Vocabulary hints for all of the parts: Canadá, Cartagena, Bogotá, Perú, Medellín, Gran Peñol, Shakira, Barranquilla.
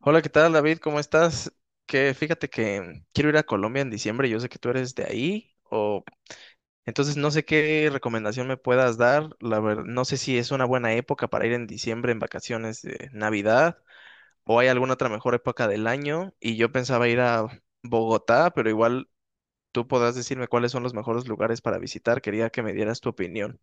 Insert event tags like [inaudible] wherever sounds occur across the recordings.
Hola, ¿qué tal, David? ¿Cómo estás? Que fíjate que quiero ir a Colombia en diciembre. Yo sé que tú eres de ahí, o entonces no sé qué recomendación me puedas dar. La verdad, no sé si es una buena época para ir en diciembre en vacaciones de Navidad o hay alguna otra mejor época del año. Y yo pensaba ir a Bogotá, pero igual tú podrás decirme cuáles son los mejores lugares para visitar. Quería que me dieras tu opinión.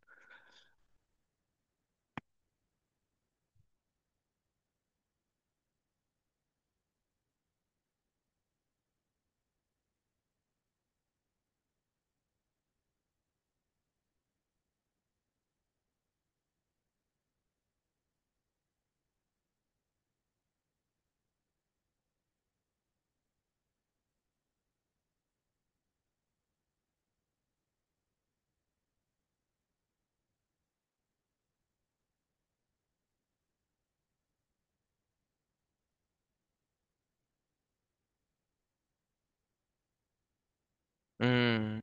Mm,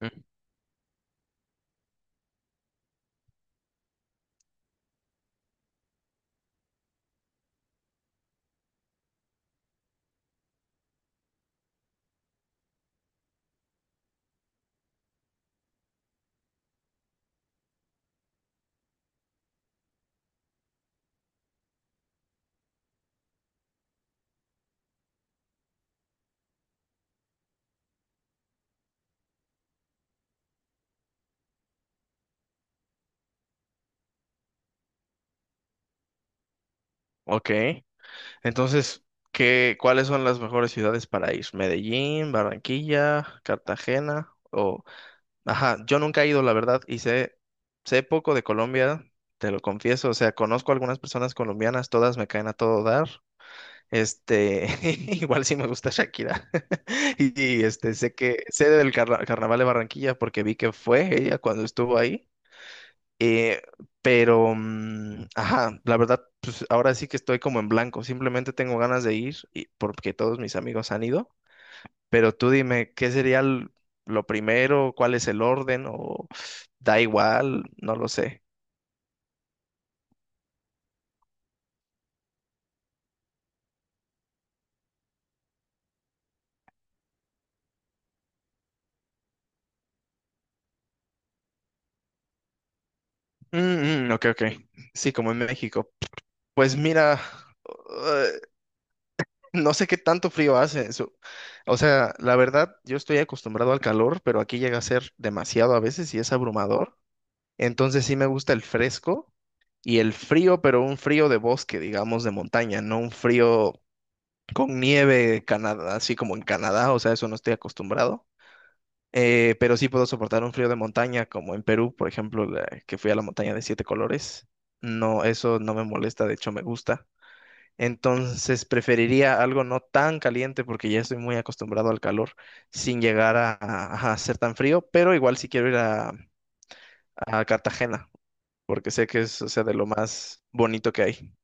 mm, ok. Entonces, ¿ cuáles son las mejores ciudades para ir? Medellín, Barranquilla, Cartagena o... Ajá, yo nunca he ido, la verdad, sé poco de Colombia, te lo confieso, o sea, conozco algunas personas colombianas, todas me caen a todo dar. Este, [laughs] igual sí me gusta Shakira. [laughs] Este, sé del carnaval de Barranquilla porque vi que fue ella cuando estuvo ahí. Eh, pero, ajá, la verdad, pues ahora sí que estoy como en blanco. Simplemente tengo ganas de porque todos mis amigos han ido. Pero tú dime, ¿ lo primero? ¿Cuál es el orden? ¿O da igual? No lo sé. Ok, ok. Sí, como en México. Pues mira, [sighs] eh, no sé qué tanto frío hace eso. O sea, la verdad, yo estoy acostumbrado al calor, pero aquí llega a ser demasiado a veces y es abrumador. Entonces sí me gusta el fresco y el frío, pero un frío de bosque, digamos, de montaña, no un frío con nieve, Canadá, así como en Canadá, o sea, eso no estoy acostumbrado. Pero sí puedo soportar un frío de montaña, como en Perú, por ejemplo, que fui a la montaña de siete colores. No, eso no me molesta, de hecho me gusta. Entonces preferiría algo no tan caliente porque ya estoy muy acostumbrado al calor, sin llegar a ser tan frío, pero igual si quiero ir a Cartagena porque sé que es, o sea, de lo más bonito que hay.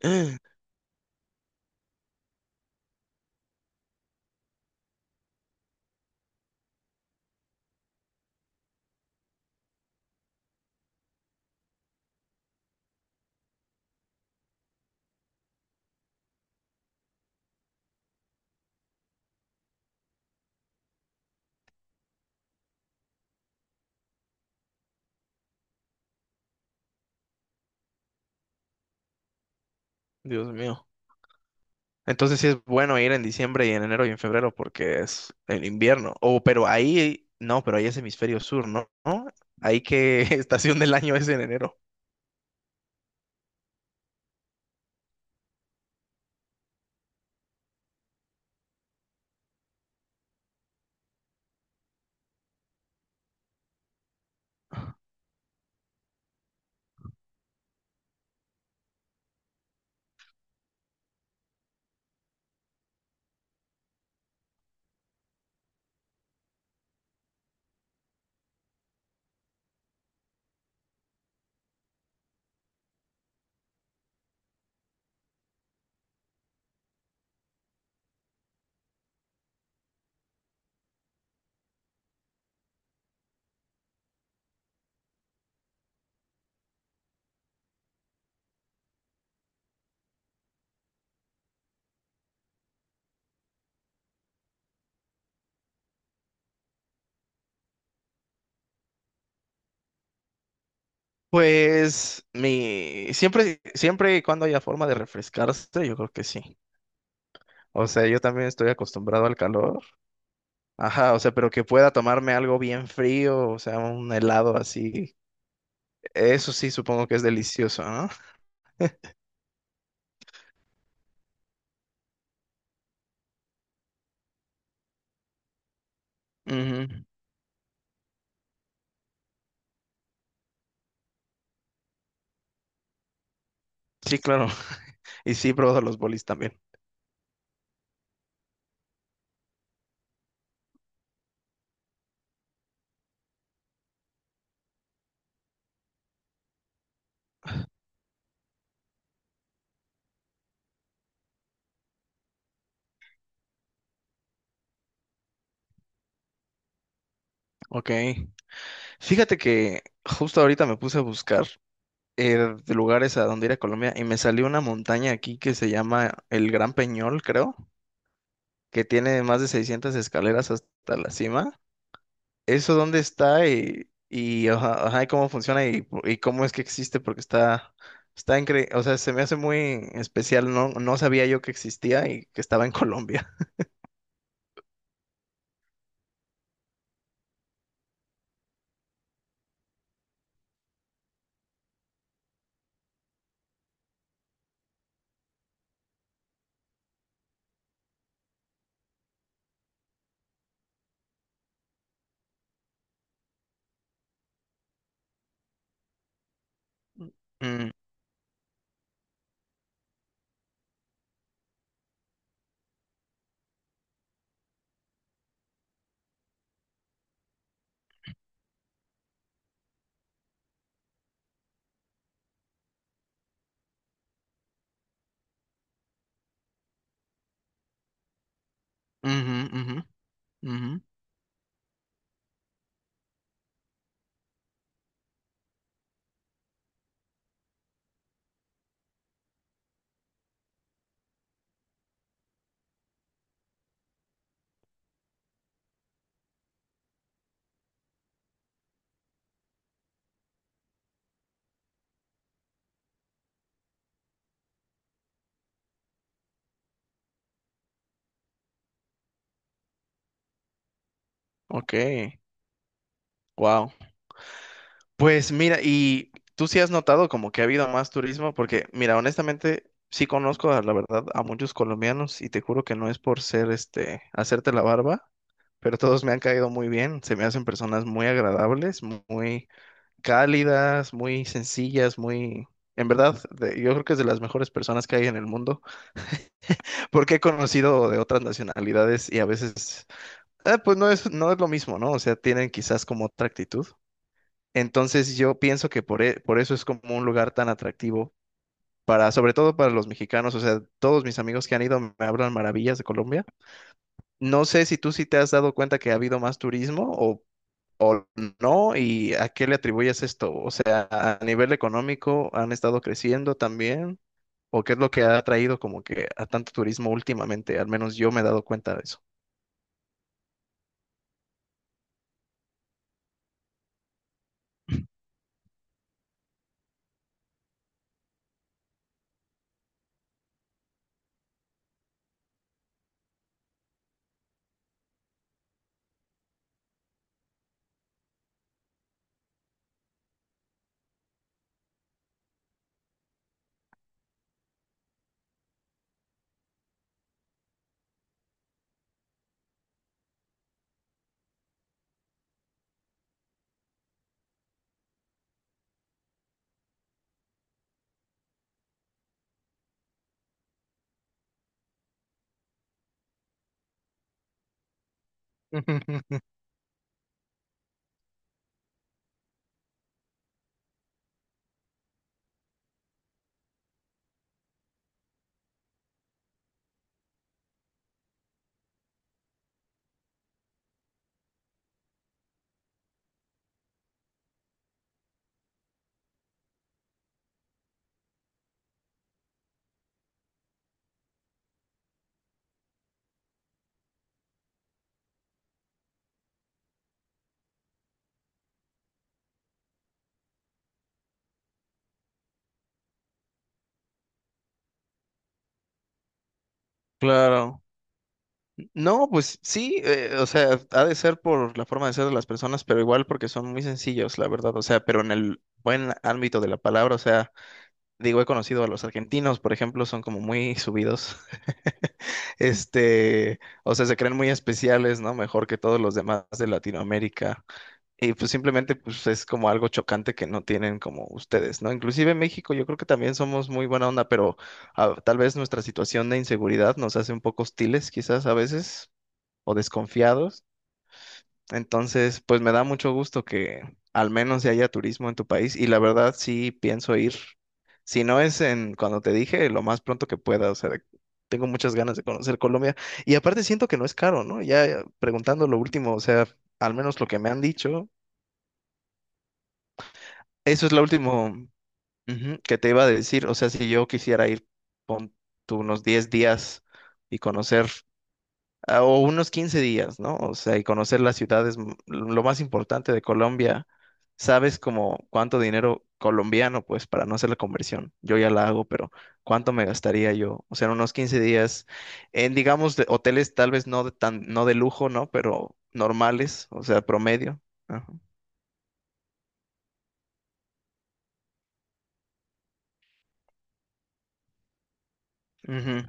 [gasps] Dios mío. Entonces sí es bueno ir en diciembre y en enero y en febrero porque es el invierno. O pero ahí, no, pero ahí es hemisferio sur, ¿no? ¿No? Ahí qué [laughs] estación del año es en enero. Pues mi siempre, siempre y cuando haya forma de refrescarse, yo creo que sí. O sea, yo también estoy acostumbrado al calor. Ajá, o sea, pero que pueda tomarme algo bien frío, o sea, un helado así. Eso sí, supongo que es delicioso, ¿no? Ujú. Sí, claro. Y sí, he probado los bolis también. Ok. Fíjate que justo ahorita me puse a buscar de lugares a donde ir a Colombia y me salió una montaña aquí que se llama el Gran Peñol, creo, que tiene más de 600 escaleras hasta la cima. ¿Eso dónde está ajá, ajá, y cómo funciona y cómo es que existe? Porque está increíble. O sea, se me hace muy especial. No, no sabía yo que existía y que estaba en [laughs] Colombia. Mm, ujú, ujú, ujú. Ok. Wow. Pues mira, y tú sí has notado como que ha habido más turismo, porque mira, honestamente sí conozco la verdad a muchos colombianos y te juro que no es por ser este, hacerte la barba, pero todos me han caído muy bien, se me hacen personas muy agradables, muy cálidas, muy sencillas, muy... En verdad, yo creo que es de las mejores personas que hay en el mundo, [laughs] porque he conocido de otras nacionalidades y a veces, pues no es lo mismo, ¿no? O sea, tienen quizás como otra actitud. Entonces yo pienso que por eso es como un lugar tan atractivo para, sobre todo para los mexicanos, o sea, todos mis amigos que han ido me hablan maravillas de Colombia. No sé si tú sí te has dado cuenta que ha habido más turismo o no, y a qué le atribuyes esto, o sea, a nivel económico han estado creciendo también, o qué es lo que ha traído como que a tanto turismo últimamente, al menos yo me he dado cuenta de eso. [laughs] Claro. No, pues sí, o sea, ha de ser por la forma de ser de las personas, pero igual porque son muy sencillos, la verdad, o sea, pero en el buen ámbito de la palabra, o sea, digo, he conocido a los argentinos, por ejemplo, son como muy subidos, [laughs] este, o sea, se creen muy especiales, ¿no? Mejor que todos los demás de Latinoamérica, y pues simplemente, pues es como algo chocante que no tienen como ustedes, ¿no? Inclusive en México yo creo que también somos muy buena onda, pero ah, tal vez nuestra situación de inseguridad nos hace un poco hostiles, quizás a veces o desconfiados. Entonces, pues me da mucho gusto que al menos ya haya turismo en tu país y la verdad sí pienso ir. Si no es en cuando te dije, lo más pronto que pueda, o sea, tengo muchas ganas de conocer Colombia y aparte siento que no es caro, ¿no? Ya preguntando lo último, o sea, al menos lo que me han dicho, eso es lo último ujú, que te iba a decir, o sea, si yo quisiera ir, pon tú unos 10 días y conocer. Ah, o unos 15 días, ¿no? O sea, y conocer las ciudades, lo más importante de Colombia. Sabes como cuánto dinero colombiano, pues para no hacer la conversión, yo ya la hago, pero cuánto me gastaría yo, o sea, en unos 15 días en, digamos, de hoteles tal vez no de tan, no de lujo, ¿no? Pero normales, o sea, promedio. Ajá. Ujú.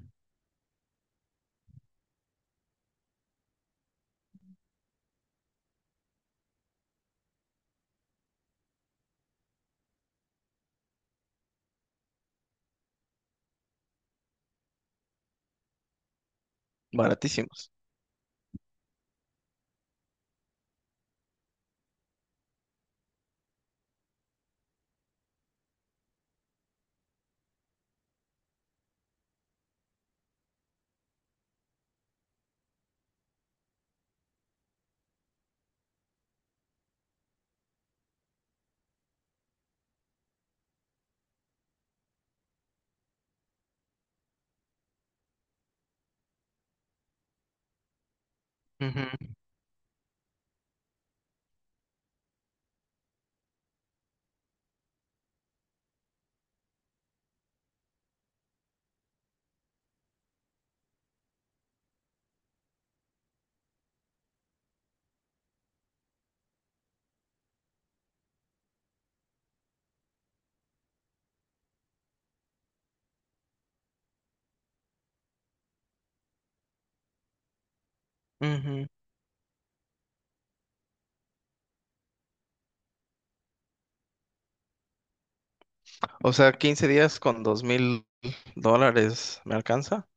Baratísimos. Ujú, ujú. O sea, 15 días con dos mil dólares, ¿me alcanza?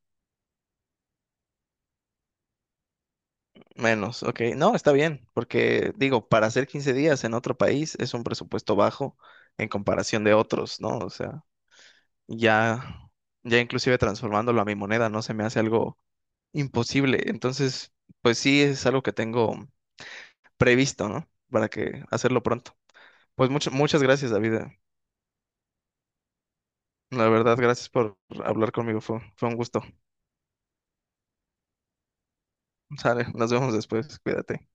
Menos, ok. No, está bien, porque digo, para hacer 15 días en otro país es un presupuesto bajo en comparación de otros, ¿no? O sea, ya, ya inclusive transformándolo a mi moneda no se me hace algo imposible. Entonces, pues sí, es algo que tengo previsto, ¿no? Para que hacerlo pronto. Muchas gracias, David. La verdad, gracias por hablar conmigo. Fue un gusto. Sale, nos vemos después. Cuídate.